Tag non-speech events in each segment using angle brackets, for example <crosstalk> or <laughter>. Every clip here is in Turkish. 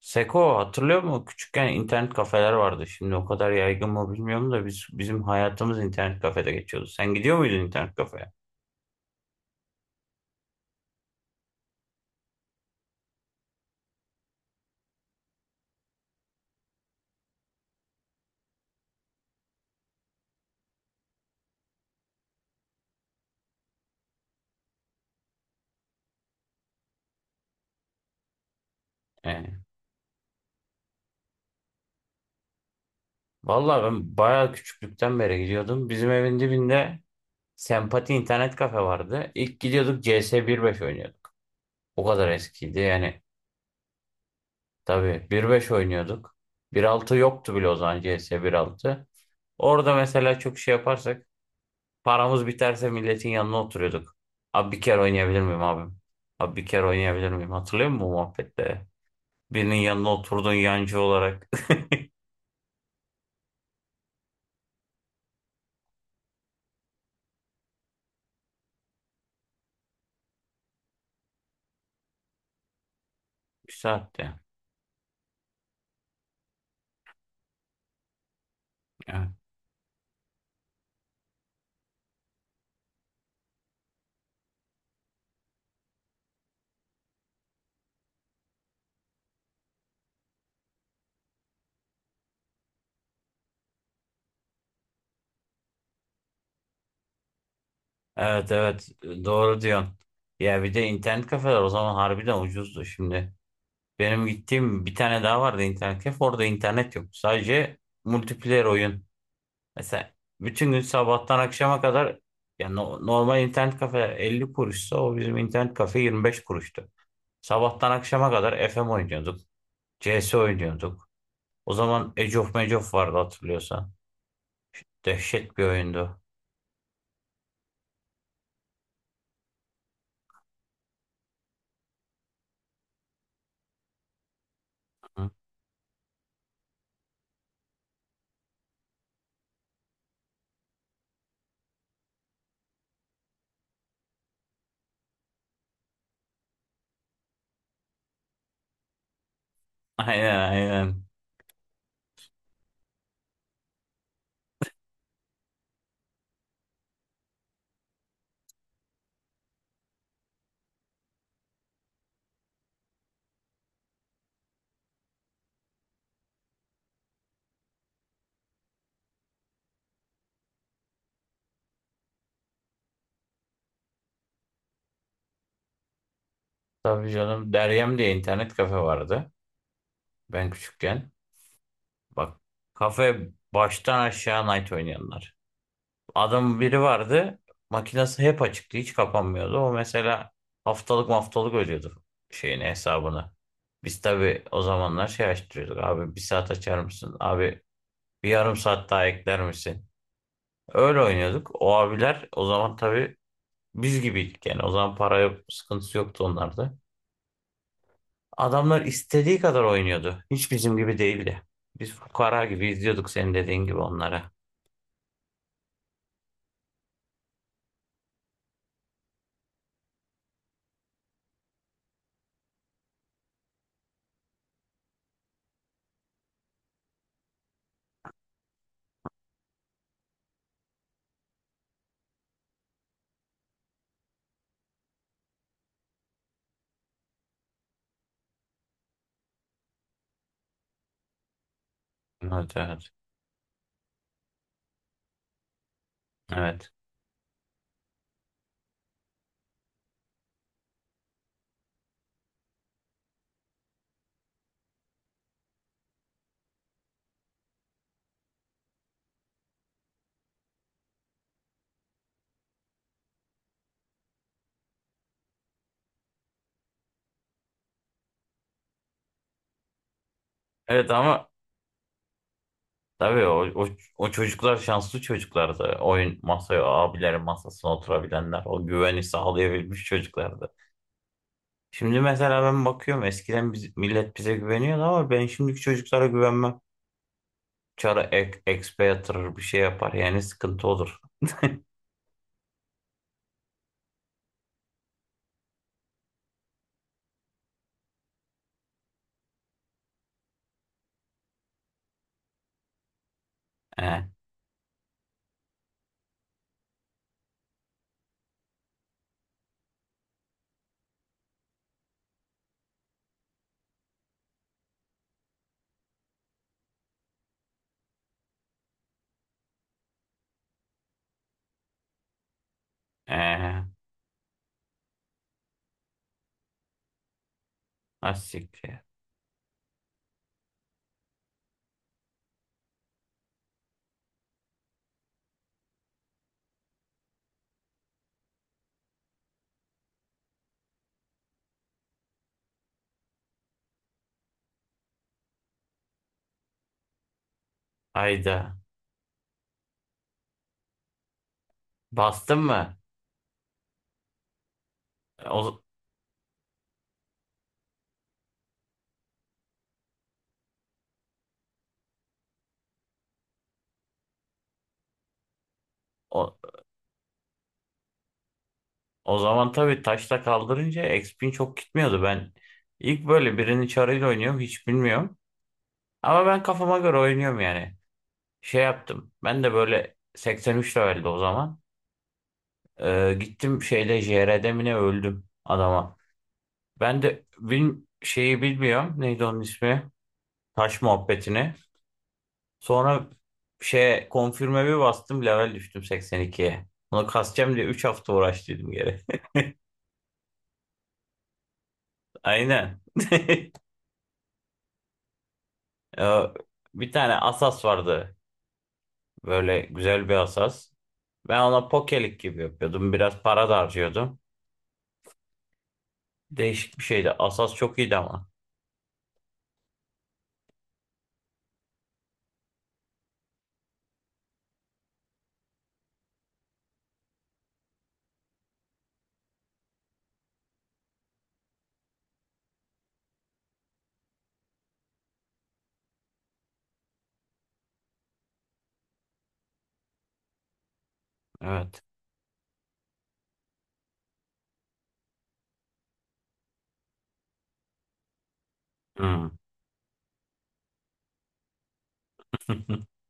Seko hatırlıyor musun? Küçükken internet kafeler vardı. Şimdi o kadar yaygın mı bilmiyorum da bizim hayatımız internet kafede geçiyordu. Sen gidiyor muydun internet kafeye? Ee, vallahi ben bayağı küçüklükten beri gidiyordum. Bizim evin dibinde Sempati internet kafe vardı. İlk gidiyorduk CS 1.5 oynuyorduk. O kadar eskiydi yani. Tabii 1.5 oynuyorduk. 1.6 yoktu bile o zaman CS 1.6. Orada mesela çok şey yaparsak paramız biterse milletin yanına oturuyorduk. Abi bir kere oynayabilir miyim abim? Abi bir kere oynayabilir miyim? Hatırlıyor musun bu muhabbette? Birinin yanına oturdun yancı olarak. <laughs> Güzeldi. Evet. Evet evet, doğru diyorsun. Ya bir de internet kafeler o zaman harbiden ucuzdu şimdi. Benim gittiğim bir tane daha vardı internet kafe. Orada internet yok. Sadece multiplayer oyun. Mesela bütün gün sabahtan akşama kadar ya normal internet kafe 50 kuruşsa o bizim internet kafe 25 kuruştu. Sabahtan akşama kadar FM oynuyorduk. CS oynuyorduk. O zaman Age of Mage of vardı hatırlıyorsan. Dehşet bir oyundu. Hı. <laughs> Aynen aynen. Tabii canım. Deryem diye internet kafe vardı. Ben küçükken. Bak, kafe baştan aşağı night oynayanlar. Adam biri vardı. Makinesi hep açıktı. Hiç kapanmıyordu. O mesela haftalık haftalık ödüyordu şeyini, hesabını. Biz tabii o zamanlar şey açtırıyorduk. Abi bir saat açar mısın? Abi, bir yarım saat daha ekler misin? Öyle oynuyorduk. O abiler o zaman tabii biz gibiydik yani. O zaman para yok, sıkıntısı yoktu onlarda. Adamlar istediği kadar oynuyordu. Hiç bizim gibi değildi. Biz fukara gibi izliyorduk senin dediğin gibi onlara. Evet evet. Evet. Evet ama tabii o çocuklar şanslı çocuklardı. Oyun masaya, o abilerin masasına oturabilenler, o güveni sağlayabilmiş çocuklardı. Şimdi mesela ben bakıyorum eskiden biz, millet bize güveniyordu ama ben şimdiki çocuklara güvenmem. Çara ek, expe yatırır bir şey yapar. Yani sıkıntı olur. <laughs> Ee, ee, az siktir. Hayda. Bastın mı? O, o, o zaman tabii taşla kaldırınca exp'in çok gitmiyordu. Ben ilk böyle birinin çarıyla oynuyorum. Hiç bilmiyorum. Ama ben kafama göre oynuyorum yani. Şey yaptım. Ben de böyle 83 leveldi o zaman. Gittim şeyle JR'de mi ne öldüm adama. Ben de şeyi bilmiyorum. Neydi onun ismi? Taş muhabbetini. Sonra şey konfirme bir bastım level düştüm 82'ye. Onu kasacağım diye 3 hafta uğraştıydım geri. <laughs> Aynen. <laughs> Ya, bir tane asas vardı. Böyle güzel bir asas. Ben ona pokelik gibi yapıyordum. Biraz para da harcıyordum. Değişik bir şeydi. Asas çok iyiydi ama. Evet. Hmm. <laughs>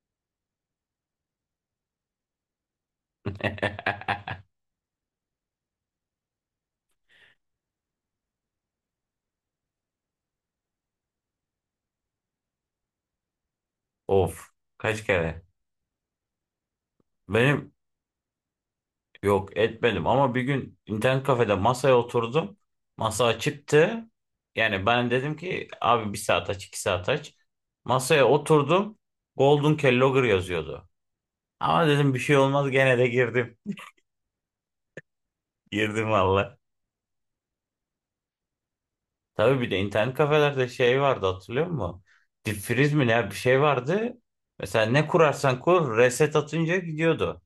Of. Kaç kere? Benim, yok etmedim ama bir gün internet kafede masaya oturdum. Masa açıktı. Yani ben dedim ki abi bir saat aç 2 saat aç. Masaya oturdum. Golden Kellogger yazıyordu. Ama dedim bir şey olmaz, gene de girdim. <laughs> Girdim valla. Tabii bir de internet kafelerde şey vardı hatırlıyor musun? Dipfriz mi ne bir şey vardı. Mesela ne kurarsan kur reset atınca gidiyordu.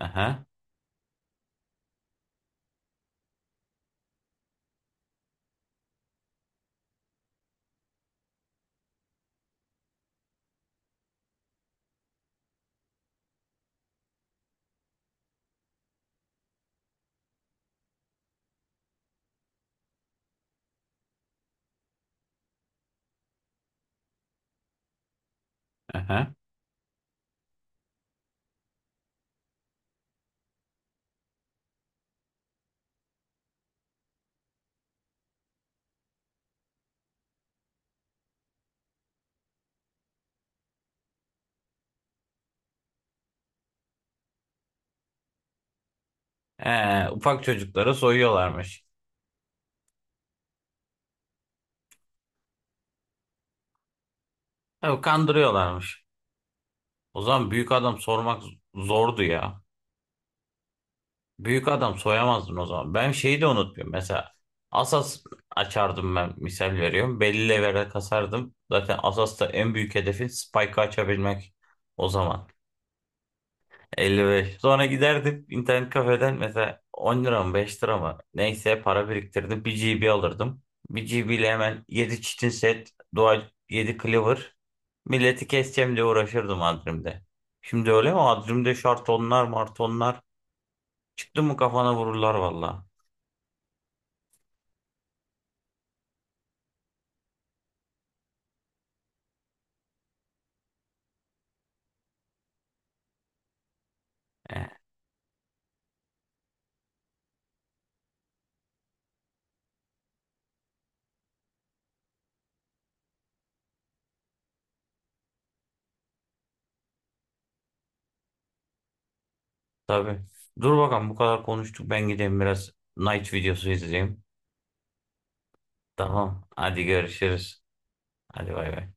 Aha, aha. Ufak çocuklara soyuyorlarmış. Tabii kandırıyorlarmış. O zaman büyük adam sormak zordu ya. Büyük adam soyamazdın o zaman. Ben şeyi de unutmuyorum. Mesela asas açardım ben, misal veriyorum. Belli levele kasardım. Zaten Asas'ta en büyük hedefin Spike'ı açabilmek o zaman. 55. Sonra giderdim internet kafeden mesela 10 lira mı 5 lira mı neyse para biriktirdim. Bir GB alırdım. Bir GB ile hemen 7 çitin set, dual 7 cleaver. Milleti keseceğim diye uğraşırdım Adrim'de. Şimdi öyle mi? Adrim'de şartonlar martonlar. Çıktı mı kafana vururlar valla. Eh, tabii. Dur bakalım, bu kadar konuştuk. Ben gideyim biraz night videosu izleyeyim. Tamam. Hadi görüşürüz. Hadi bay bay.